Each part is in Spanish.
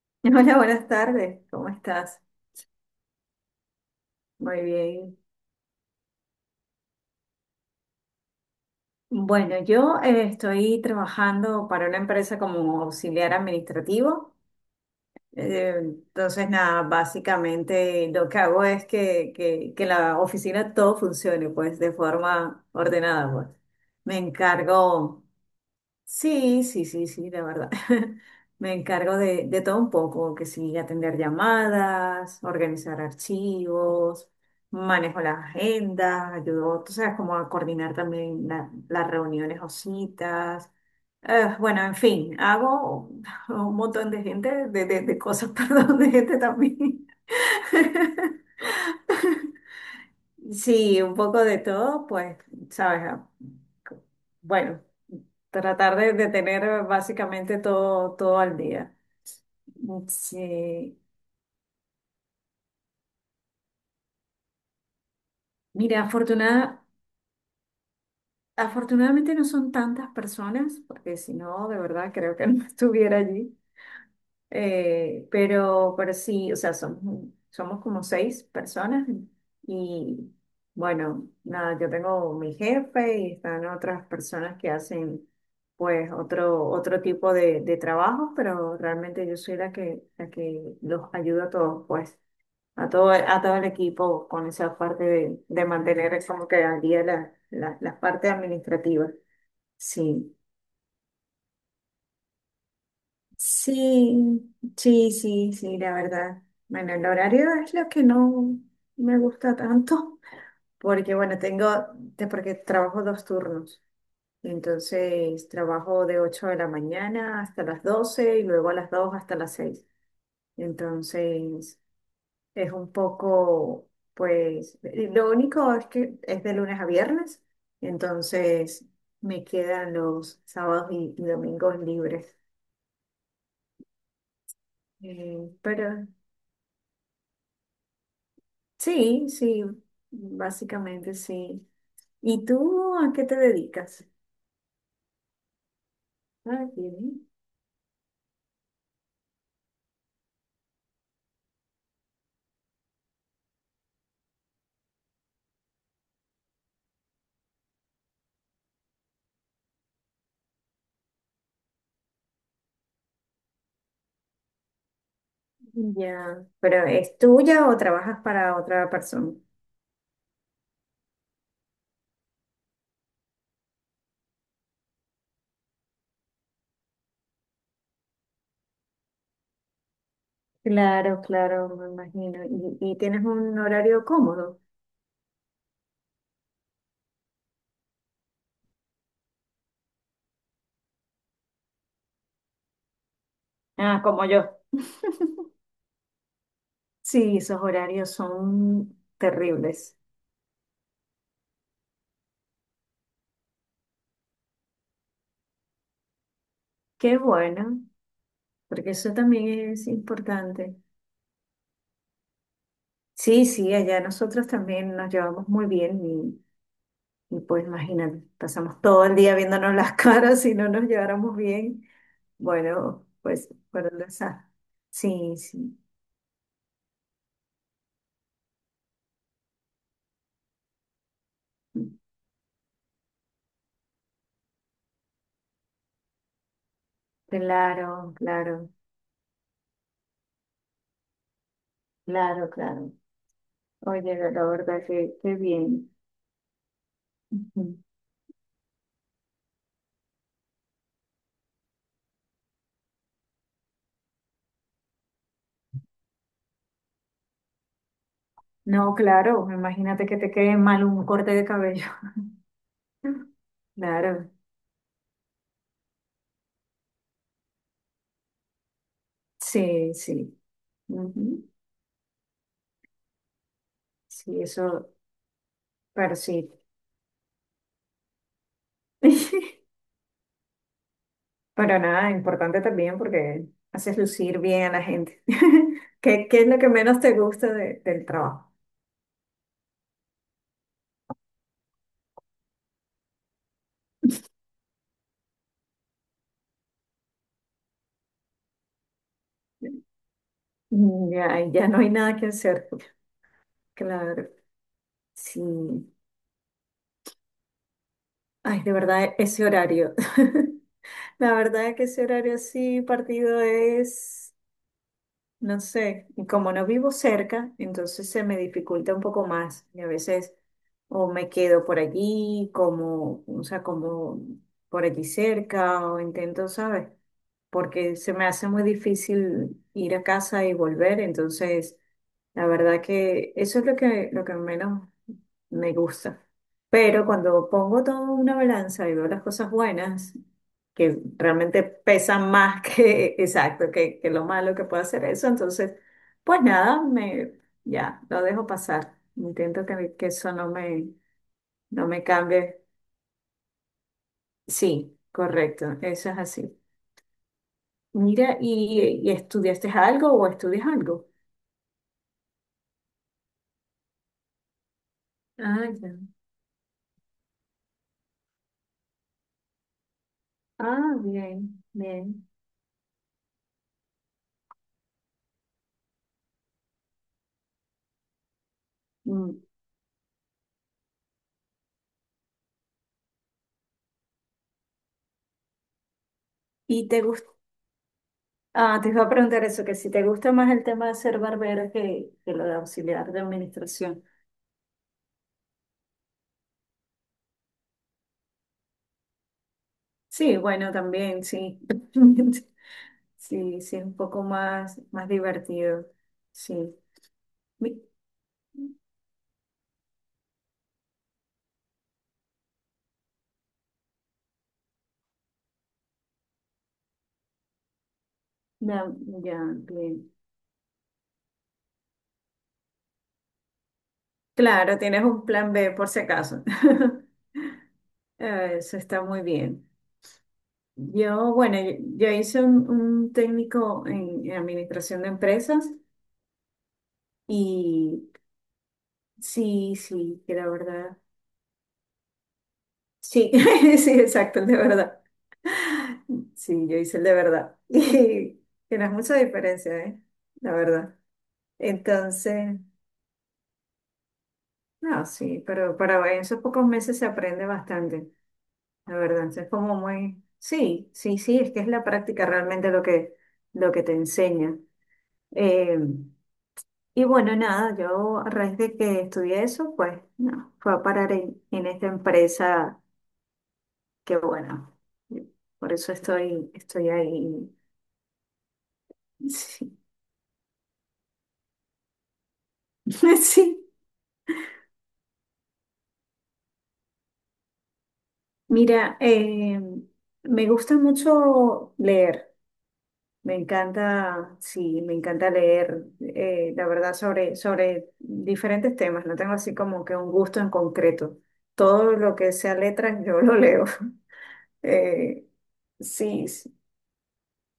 Hola, buenas tardes. ¿Cómo estás? Muy bien. Bueno, yo estoy trabajando para una empresa como auxiliar administrativo. Entonces, nada, básicamente lo que hago es que la oficina todo funcione, pues, de forma ordenada, pues. Me encargo Sí, sí, sí, sí, la verdad. Me encargo de todo un poco, que sí, atender llamadas, organizar archivos, manejo las agendas, ayudo, tú sabes, como a coordinar también las reuniones o citas. Bueno, en fin, hago un montón de gente, de cosas, perdón, de gente también. Sí, un poco de todo, pues, sabes. Ah, bueno, tratar de tener básicamente todo, todo al día. Sí. Mira, afortunadamente no son tantas personas, porque si no, de verdad creo que no estuviera allí. Pero sí, o sea, somos como seis personas y bueno, nada, yo tengo mi jefe y están otras personas que hacen pues otro tipo de trabajo, pero realmente yo soy la que los ayuda a todos, pues, a todo el equipo con esa parte de mantener como que al día la parte administrativa. Sí. Sí, sí, sí, sí, la verdad. Bueno, el horario es lo que no me gusta tanto, porque bueno, porque trabajo dos turnos. Entonces, trabajo de 8 de la mañana hasta las 12 y luego a las 2 hasta las 6. Entonces, es un poco, pues, lo único es que es de lunes a viernes, entonces me quedan los sábados y domingos libres. Eh, pero Sí, sí, básicamente sí. ¿Y tú a qué te dedicas? Ah, bien. Ya, pero ¿es tuya o trabajas para otra persona? Claro, claro, me imagino. ¿Y tienes un horario cómodo? Ah, como yo. Sí, esos horarios son terribles. Qué bueno, porque eso también es importante. Sí, sí, allá nosotros también nos llevamos muy bien. Y pues imagínate, pasamos todo el día viéndonos las caras si no nos lleváramos bien. Bueno, pues fueron de esa. Sí, sí. Claro, claro, claro, claro. Oye, la verdad que qué bien. Ujú. No, claro, imagínate que te quede mal un corte de cabello. Claro, sí, sí. Ujú. Sí, eso, pero sí. Pero nada, importante también porque haces lucir bien a la gente. ¿Qué, qué es lo que menos te gusta del trabajo? Ya, ya no hay nada que hacer. Claro, sí. Ay, de verdad, ese horario. La verdad es que ese horario así partido es... No sé, y como no vivo cerca, entonces se me dificulta un poco más. Y a veces o me quedo por allí, como, o sea, como por allí cerca, o intento, ¿sabes? Porque se me hace muy difícil ir a casa y volver. Entonces, la verdad que eso es lo que menos me gusta. Pero cuando pongo todo en una balanza y veo las cosas buenas, que realmente pesan más que, exacto, que lo malo que puede hacer eso, entonces, pues nada, me, ya, lo dejo pasar. Intento que eso no me, no me cambie. Sí, correcto, eso es así. Mira, ¿y estudiaste algo o estudias algo? Ah, ya. Ah, bien, bien. Mm. ¿Y te gusta? Ah, te iba a preguntar eso, que si te gusta más el tema de ser barbero que lo de auxiliar de administración. Sí, bueno, también, sí. Sí, sí, es un poco más, más divertido. Sí. Mi- Ya, ya, bien. Claro, tienes un plan B por si acaso. Eso está muy bien. Yo, bueno, yo hice un técnico en administración de empresas y sí, sí, que la verdad. Sí, sí, exacto, de verdad. Sí, yo hice el de verdad. Y que no es mucha diferencia, ¿eh? La verdad. Entonces, no, sí, pero para en esos pocos meses se aprende bastante, la verdad. Entonces, es como muy, sí, sí, sí, es que es la práctica realmente lo que te enseña. Eh, y bueno, nada, yo a raíz de que estudié eso, pues, no, fue a parar en esta empresa que, bueno, por eso estoy ahí. Sí, sí. Mira, me gusta mucho leer, me encanta, sí, me encanta leer, la verdad, sobre diferentes temas, no tengo así como que un gusto en concreto. Todo lo que sea letras, yo lo leo. Eh, sí.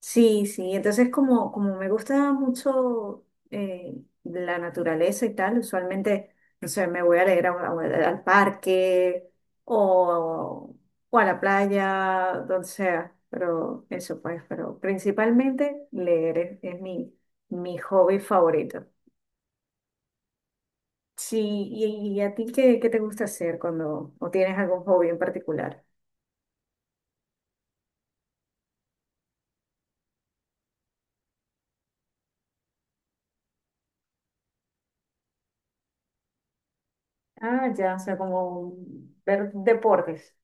Sí, sí, entonces como me gusta mucho eh, la naturaleza y tal, usualmente, no sé, me voy a leer al parque o, o a la playa, donde sea, pero eso pues, pero principalmente leer es mi hobby favorito. Sí, y a ti qué, te gusta hacer cuando, o tienes algún hobby en particular? Ah, ya, o sea, como ver deportes.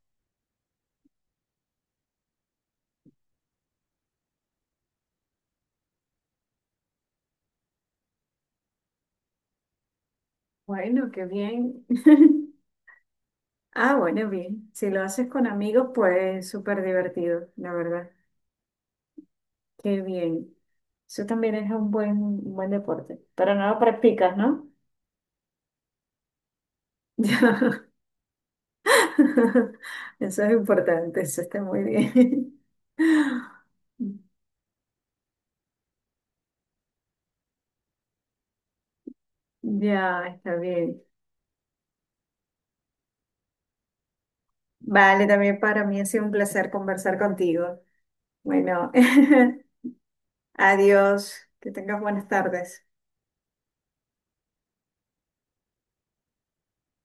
Bueno, qué bien. Ah, bueno, bien. Si lo haces con amigos, pues súper divertido, la verdad. Qué bien. Eso también es un buen deporte. Pero no lo practicas, ¿no? Ya. Eso es importante, eso está muy bien. Ya, está bien. Vale, también para mí ha sido un placer conversar contigo. Bueno, adiós. Que tengas buenas tardes.